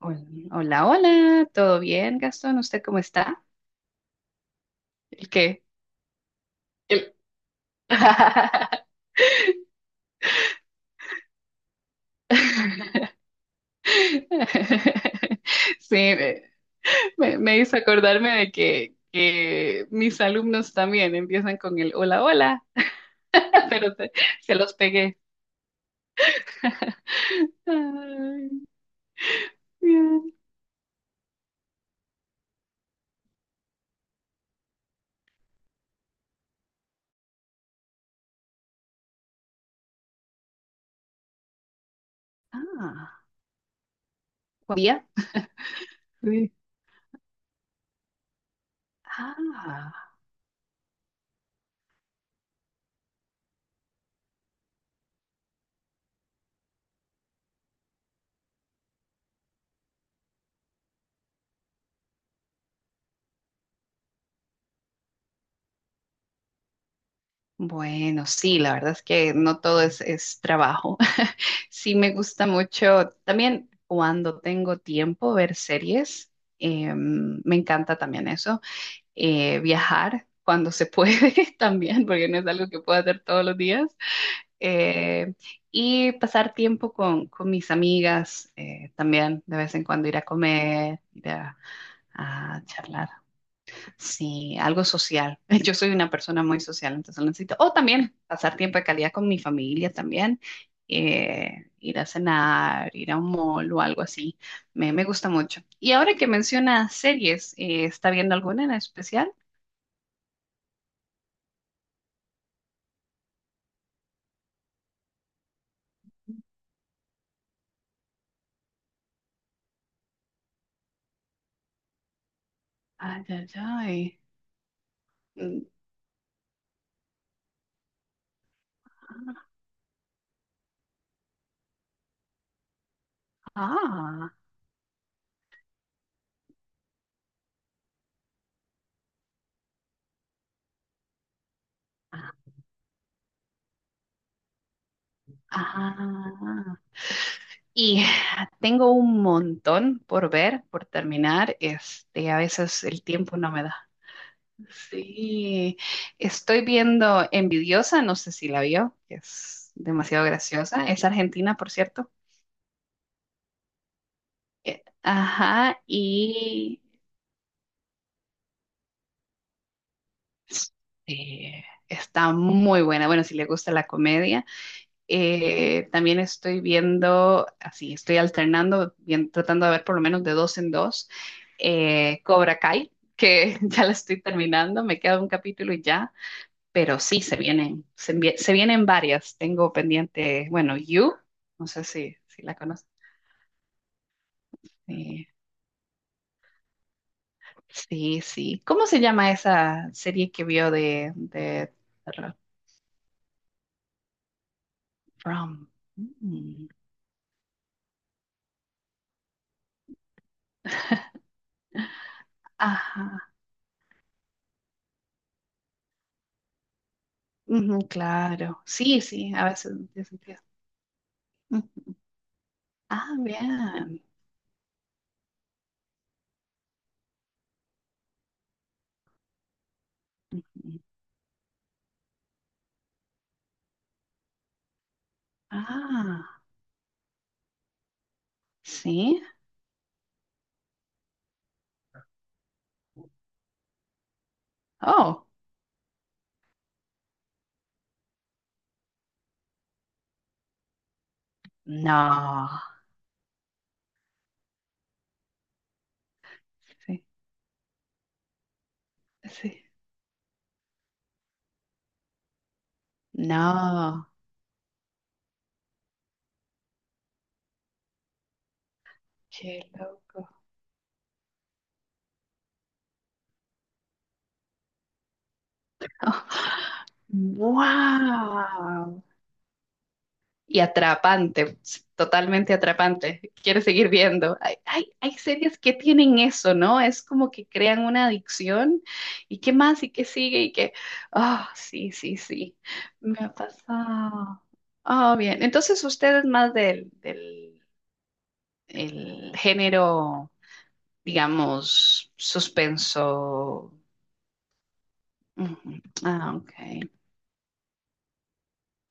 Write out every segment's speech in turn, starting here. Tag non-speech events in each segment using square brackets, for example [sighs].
Hola, hola, hola, ¿todo bien, Gastón? ¿Usted cómo está? ¿El qué? El- [laughs] Sí, me hizo acordarme de que mis alumnos también empiezan con el hola, hola, [laughs] pero se los pegué. [laughs] Ay, bien. Ah, ¿cuál día? Sí. Ah, bueno, sí, la verdad es que no todo es trabajo. Sí, me gusta mucho también cuando tengo tiempo ver series. Me encanta también eso. Viajar cuando se puede [laughs] también, porque no es algo que pueda hacer todos los días. Eh, y pasar tiempo con mis amigas también, de vez en cuando ir a comer, ir a charlar. Sí, algo social. [laughs] Yo soy una persona muy social, entonces lo necesito. O también pasar tiempo de calidad con mi familia también. Ir a cenar, ir a un mall o algo así. Me gusta mucho. Y ahora que menciona series, ¿está viendo alguna en especial? Ay, ay, ay. Mm. Ah, ah, ah. Y [sighs] tengo un montón por ver, por terminar. Este, a veces el tiempo no me da. Sí, estoy viendo Envidiosa, no sé si la vio, que es demasiado graciosa. Es argentina, por cierto. Ajá, y está muy buena. Bueno, si le gusta la comedia. También estoy viendo, así, estoy alternando, tratando de ver por lo menos de dos en dos, Cobra Kai, que [laughs] ya la estoy terminando, me queda un capítulo y ya. Pero sí, se vienen varias. Tengo pendiente, bueno, You, no sé si la conoces. Eh, sí, sí. ¿Cómo se llama esa serie que vio de From? Mm. Ajá. Ujú, claro. Sí, sí, a veces tiene sentido. Ujú. Ah, bien. Ujú. Ah, sí. Oh, no. Sí, sí. No, qué loco. [laughs] Wow. Y atrapante, totalmente atrapante. Quieres seguir viendo. Hay series que tienen eso, ¿no? Es como que crean una adicción. ¿Y qué más? ¿Y qué sigue? Ah, sí, sí, sí. Me ha pasado. Ah, bien. Entonces usted es más del, del el género, digamos, suspenso. Ujú. Ah, ok.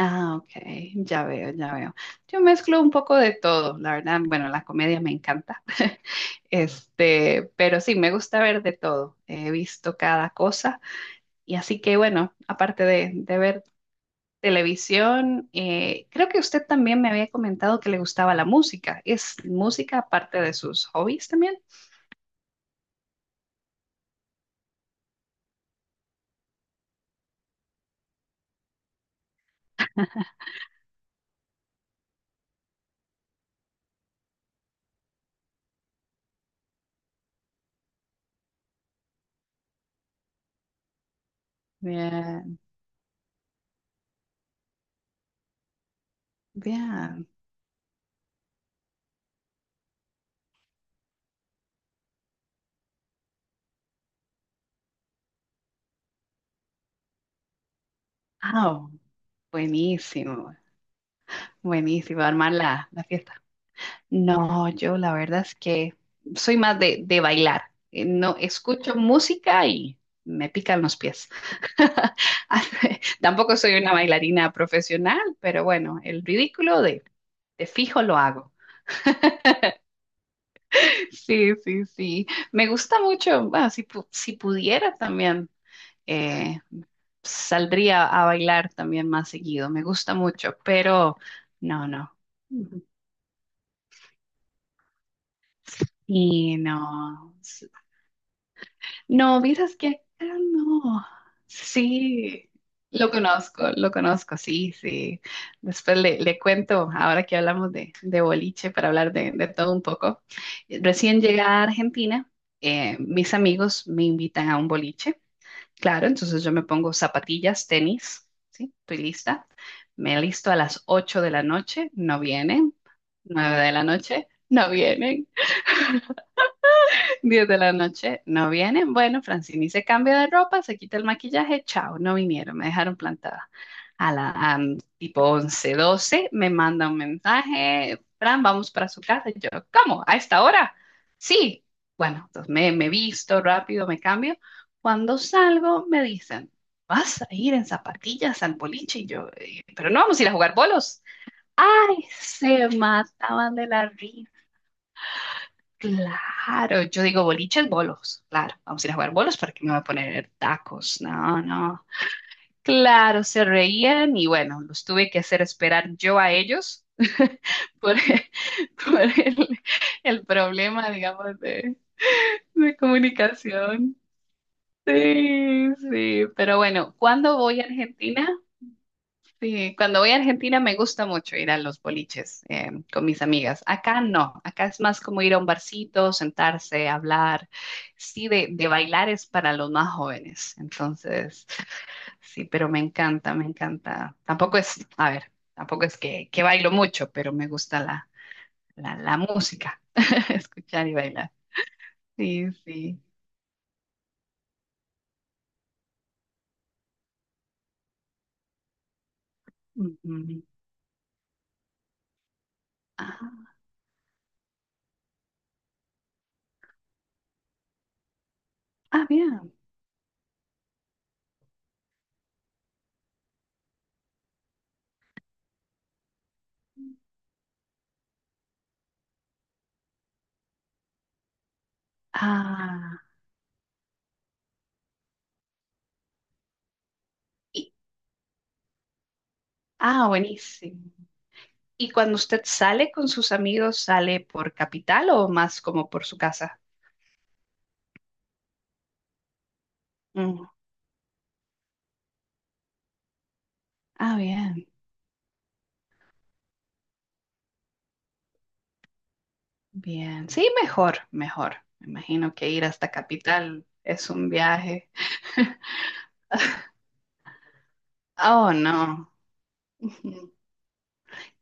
Ah, ok, ya veo, ya veo. Yo mezclo un poco de todo, la verdad, bueno, la comedia me encanta, [laughs] este, pero sí, me gusta ver de todo, he visto cada cosa y así que bueno, aparte de ver televisión, creo que usted también me había comentado que le gustaba la música, ¿es música aparte de sus hobbies también? Bien, bien. Ah, buenísimo, buenísimo, armar la fiesta. No, yo la verdad es que soy más de bailar. No escucho música y me pican los pies. [laughs] Tampoco soy una bailarina profesional, pero bueno, el ridículo de fijo lo hago. [laughs] Sí, sí, sí. Me gusta mucho. Bueno, si pudiera también, eh, saldría a bailar también más seguido. Me gusta mucho, pero no, no. Ujú. Y no. No, vieras que acá no. Sí, lo conozco, sí, sí. Después le cuento, ahora que hablamos de boliche, para hablar de todo un poco. Recién llegada a Argentina, mis amigos me invitan a un boliche. Claro, entonces yo me pongo zapatillas, tenis, ¿sí? Estoy lista. Me listo a las 8 de la noche, no vienen. 9 de la noche, no vienen. 10 de la noche, no vienen. Bueno, Francini se cambia de ropa, se quita el maquillaje, chao, no vinieron, me dejaron plantada. A la a, mm, Tipo 11 12 me manda un mensaje, Fran, vamos para su casa. Y yo, ¿cómo? ¿A esta hora? Sí. Bueno, entonces me visto rápido, me cambio. Cuando salgo, me dicen, vas a ir en zapatillas al boliche. Y yo, pero no vamos a ir a jugar bolos." Ay, se mataban de la risa. Claro, yo digo boliches, bolos. Claro, vamos a ir a jugar bolos para que me voy a poner tacos. No, no. Claro, se reían y bueno, los tuve que hacer esperar yo a ellos [laughs] por, por el problema, digamos, de comunicación. Sí, sí, pero bueno, ¿cuándo voy a Argentina? Sí, cuando voy a Argentina me gusta mucho ir a los boliches con mis amigas. Acá no, acá es más como ir a un barcito, sentarse, hablar. Sí, de bailar es para los más jóvenes. Entonces, sí, pero me encanta, me encanta. Tampoco es, a ver, tampoco es que bailo mucho, pero me gusta la música, [laughs] escuchar y bailar. Sí, sí. Ujú. Ah, ah, bien. Ah, y- ah, buenísimo. ¿Y cuando usted sale con sus amigos, sale por capital o más como por su casa? Mm. Ah, bien, bien. Sí, mejor, mejor. Me imagino que ir hasta capital es un viaje. Oh, no. [laughs]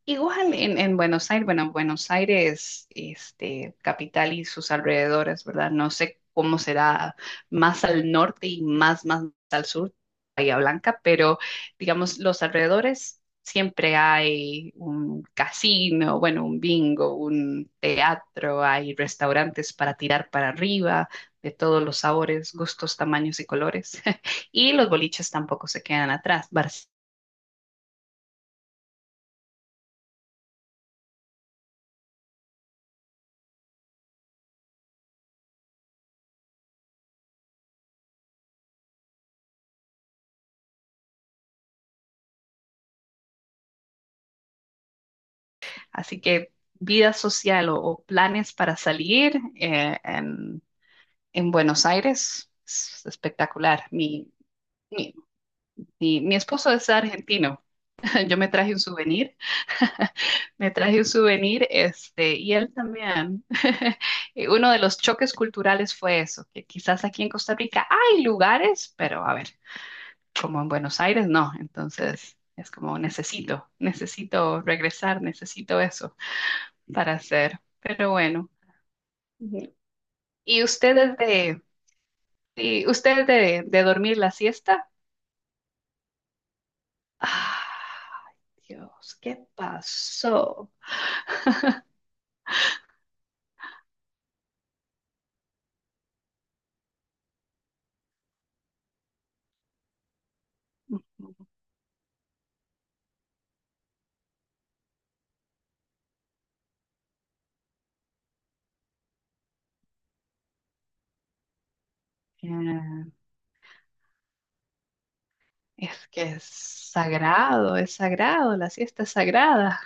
Igual en Buenos Aires, bueno, Buenos Aires, este, capital y sus alrededores, ¿verdad? No sé cómo será más al norte y más al sur, Bahía Blanca, pero digamos, los alrededores siempre hay un casino, bueno, un bingo, un teatro, hay restaurantes para tirar para arriba, de todos los sabores, gustos, tamaños y colores. [laughs] Y los boliches tampoco se quedan atrás. Así que vida social o planes para salir en Buenos Aires es espectacular. Mi, mi esposo es argentino. [laughs] Yo me traje un souvenir, me traje un souvenir, este, y él también. [laughs] Y uno de los choques culturales fue eso, que quizás aquí en Costa Rica hay lugares, pero a ver, como en Buenos Aires no. Entonces es como necesito, necesito regresar, necesito eso para hacer. Pero bueno. ¿Y ustedes de, y ustedes de dormir la siesta? Ah, Dios, ¿qué pasó? Mm, Es que es sagrado, la siesta es sagrada.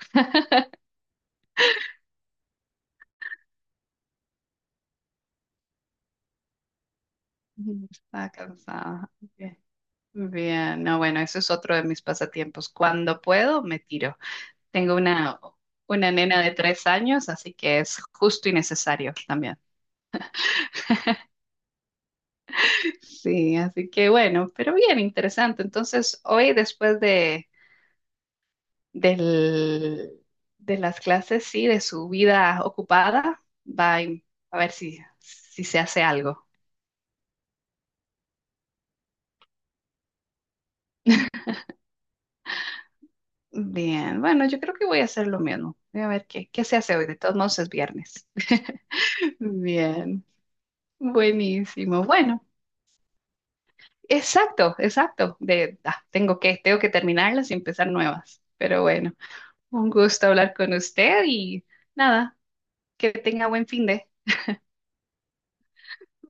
Está cansada. Bien. Bien, no, bueno, eso es otro de mis pasatiempos. Cuando puedo, me tiro. Tengo una nena de 3 años, así que es justo y necesario también. [laughs] Sí, así que bueno, pero bien interesante. Entonces, hoy después del, de las clases, sí, de su vida ocupada, va a a ver si se hace algo. Bien, bueno, yo creo que voy a hacer lo mismo. Voy a ver qué se hace hoy. De todos modos es viernes. [laughs] Bien, buenísimo. Bueno, exacto, exacto. Tengo que, terminarlas y empezar nuevas. Pero bueno, un gusto hablar con usted y nada, que tenga buen fin de.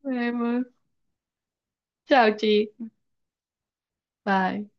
Nos vemos. Chao, Chi. Bye.